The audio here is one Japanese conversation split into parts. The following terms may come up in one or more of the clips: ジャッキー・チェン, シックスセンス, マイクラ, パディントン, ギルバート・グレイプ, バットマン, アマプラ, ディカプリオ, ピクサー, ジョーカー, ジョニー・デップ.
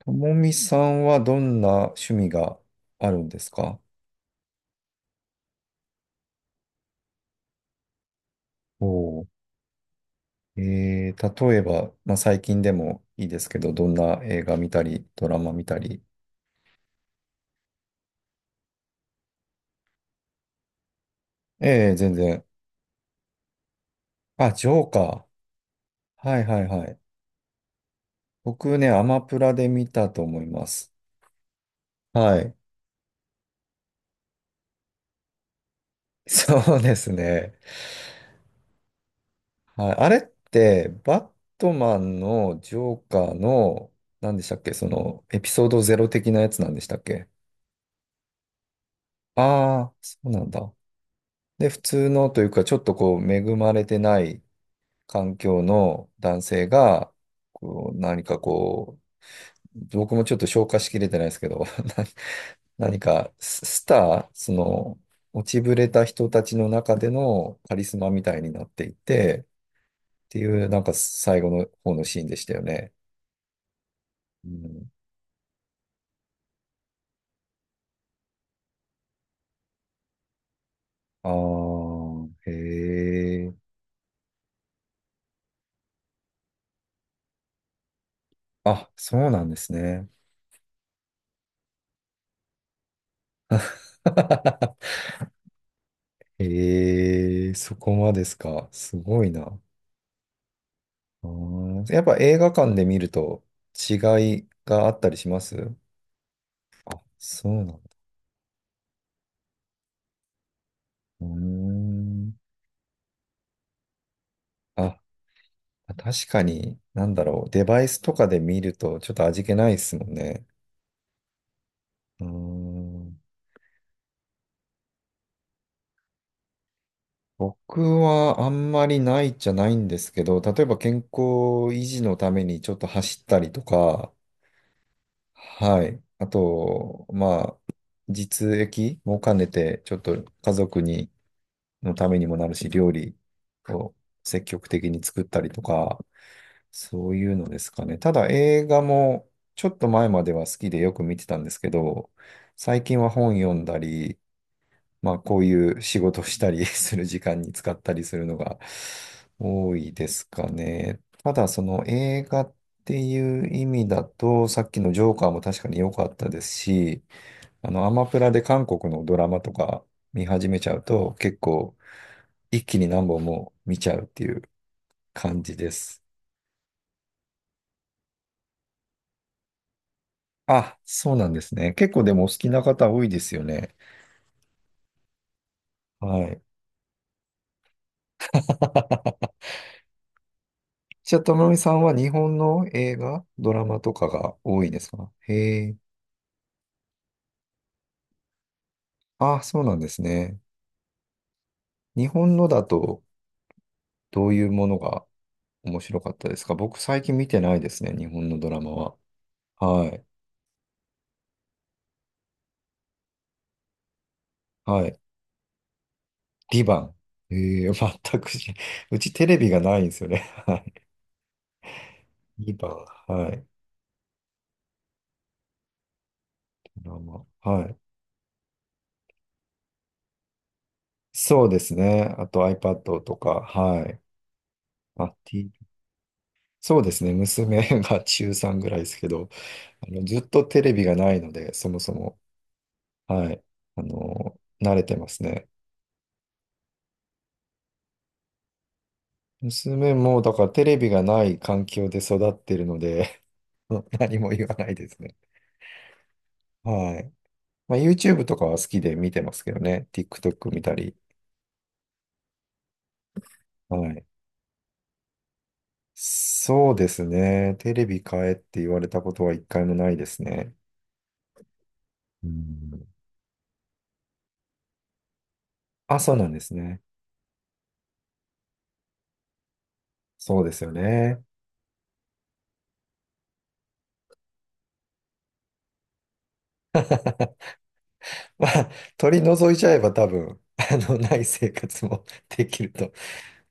ともみさんはどんな趣味があるんですか？おー。例えば、まあ、最近でもいいですけど、どんな映画見たり、ドラマ見たり。ええ、全然。あ、ジョーカー。はいはいはい。僕ね、アマプラで見たと思います。はい。そうですね。はい。あれって、バットマンのジョーカーの、何でしたっけ？その、エピソードゼロ的なやつなんでしたっけ？ああー、そうなんだ。で、普通のというか、ちょっとこう、恵まれてない環境の男性が、こう、何かこう、僕もちょっと消化しきれてないですけど、何かススター、その、落ちぶれた人たちの中でのカリスマみたいになっていて、っていう、なんか最後の方のシーンでしたよね。うん、ああ、へえ。あ、そうなんですね。へえ、そこまでですか。すごいな。うーん、やっぱ映画館で見ると違いがあったりします？そうなんだ。うーん。あ、確かに、なんだろう。デバイスとかで見るとちょっと味気ないですもんね。うーん。僕はあんまりないじゃないんですけど、例えば健康維持のためにちょっと走ったりとか、はい。あと、まあ、実益も兼ねて、ちょっと家族にのためにもなるし、料理を積極的に作ったりとか、そういうのですかね。ただ映画もちょっと前までは好きでよく見てたんですけど、最近は本読んだり、まあこういう仕事したり する時間に使ったりするのが多いですかね。ただその映画っていう意味だと、さっきのジョーカーも確かに良かったですし、あのアマプラで韓国のドラマとか見始めちゃうと結構一気に何本も見ちゃうっていう感じです。あ、そうなんですね。結構でもお好きな方多いですよね。はい。じゃあ、ともみさんは日本の映画、ドラマとかが多いですか？へえ。あ、そうなんですね。日本のだとどういうものが面白かったですか？僕最近見てないですね、日本のドラマは。はい。はい。リバン。ええ、全くし、うちテレビがないんですよね。はい。リバン。はい。ドラマ。はい。そうですね。あと iPad とか、はい。まあ、T、そうですね。娘が 中3ぐらいですけど、あの、ずっとテレビがないので、そもそも、はい。あの、慣れてますね。娘も、だからテレビがない環境で育ってるので、何も言わないですね。はい。まあ、YouTube とかは好きで見てますけどね。TikTok 見たり。はい。そうですね。テレビ買えって言われたことは一回もないですね。うん。あ、そうなんですね。そうですよね。まあ、取り除いちゃえば多分、あの、ない生活も できると、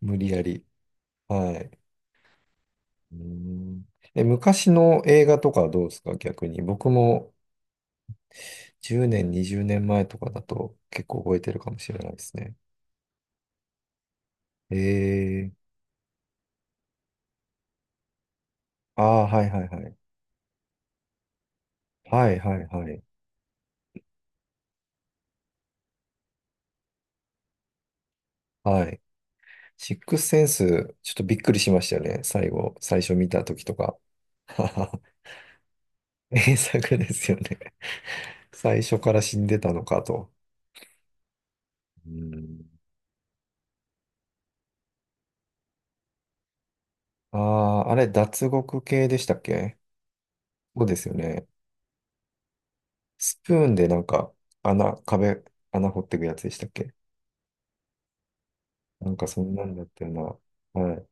無理やり。はい。うん。え、昔の映画とかはどうですか逆に。僕も10年、20年前とかだと結構覚えてるかもしれないですね。えー、ああー、はいはいはい。はいはいはい。はい。シックスセンス、ちょっとびっくりしましたよね。最後、最初見た時とか。名作ですよね。最初から死んでたのかと。うん。ああ、あれ、脱獄系でしたっけ？そうですよね。スプーンでなんか、穴、壁、穴掘っていくやつでしたっけ？なんかそんなんだったような。はい。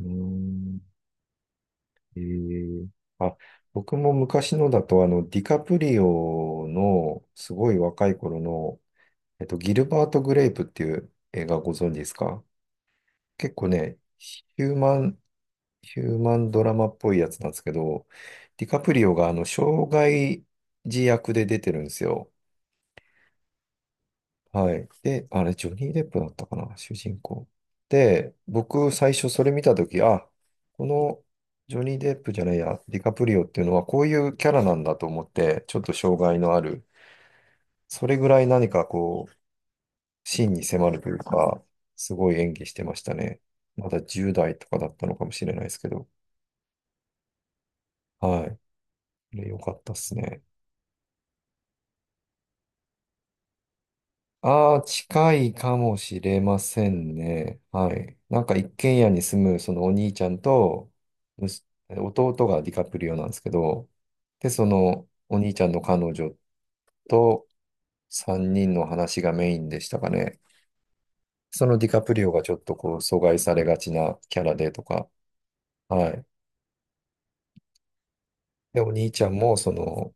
うーん。えー。あ、僕も昔のだと、あの、ディカプリオの、すごい若い頃の、ギルバート・グレイプっていう映画ご存知ですか？結構ね、ヒューマンドラマっぽいやつなんですけど、ディカプリオがあの、障害児役で出てるんですよ。はい。で、あれ、ジョニー・デップだったかな、主人公。で、僕、最初それ見たとき、あ、このジョニー・デップじゃないや、ディカプリオっていうのはこういうキャラなんだと思って、ちょっと障害のある、それぐらい何かこう、芯に迫るというか、すごい演技してましたね。まだ10代とかだったのかもしれないですけど、はい。これ良かったっすね。ああ、近いかもしれませんね。はい。なんか一軒家に住むそのお兄ちゃんと、弟がディカプリオなんですけど、で、そのお兄ちゃんの彼女と3人の話がメインでしたかね。そのディカプリオがちょっとこう阻害されがちなキャラでとか、はい。で、お兄ちゃんもその、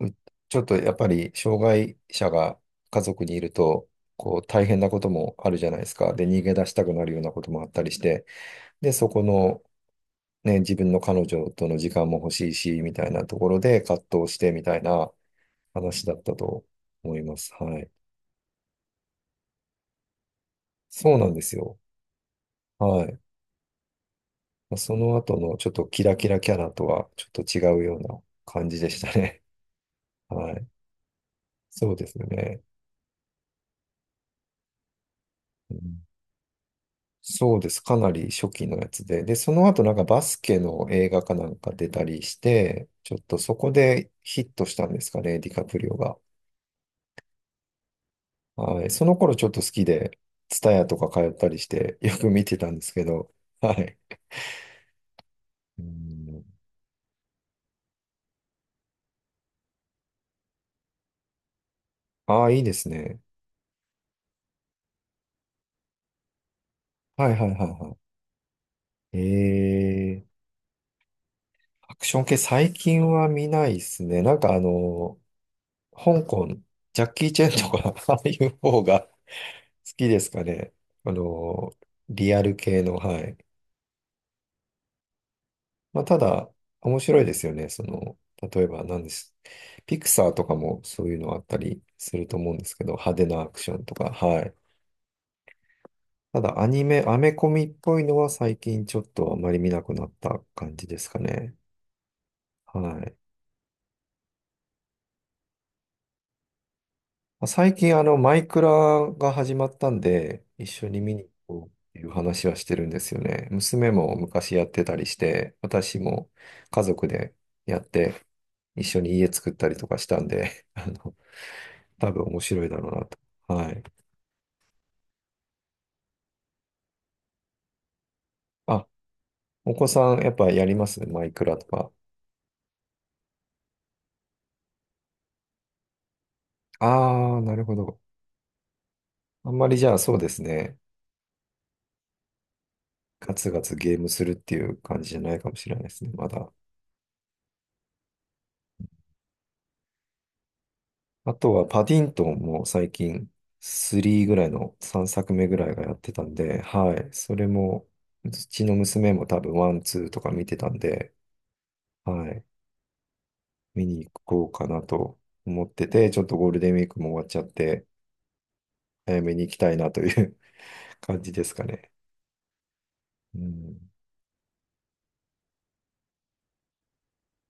うちょっとやっぱり障害者が家族にいると、こう大変なこともあるじゃないですか。で、逃げ出したくなるようなこともあったりして、で、そこの、ね、自分の彼女との時間も欲しいし、みたいなところで葛藤してみたいな話だったと思います。はい。そうなんですよ。はい。まあその後のちょっとキラキラキャラとはちょっと違うような感じでしたね。はい。そうですね。うんそうです。かなり初期のやつで。で、その後なんかバスケの映画かなんか出たりして、ちょっとそこでヒットしたんですかね、ディカプリオが。はい。その頃ちょっと好きで、ツタヤとか通ったりして、よく見てたんですけど、はい。うん。ああ、いいですね。はいはいはいはい。アクション系最近は見ないですね。なんかあの、香港、ジャッキー・チェンとか、ああいう方が好きですかね。あの、リアル系の、はい。まあ、ただ、面白いですよね。その、例えば何です。ピクサーとかもそういうのあったりすると思うんですけど、派手なアクションとか、はい。ただアニメ、アメコミっぽいのは最近ちょっとあまり見なくなった感じですかね。はい。まあ最近あの、マイクラが始まったんで、一緒に見に行こうっていう話はしてるんですよね。娘も昔やってたりして、私も家族でやって、一緒に家作ったりとかしたんで、あの、多分面白いだろうなと。はい。あ、お子さんやっぱやりますマイクラとか？ああ、なるほど。あんまりじゃあそうですね。ガツガツゲームするっていう感じじゃないかもしれないですね、まだ。あとはパディントンも最近3ぐらいの3作目ぐらいがやってたんで、はい。それも、うちの娘も多分ワン、ツーとか見てたんで、はい。見に行こうかなと思ってて、ちょっとゴールデンウィークも終わっちゃって、早めに行きたいなという 感じですかね。うん。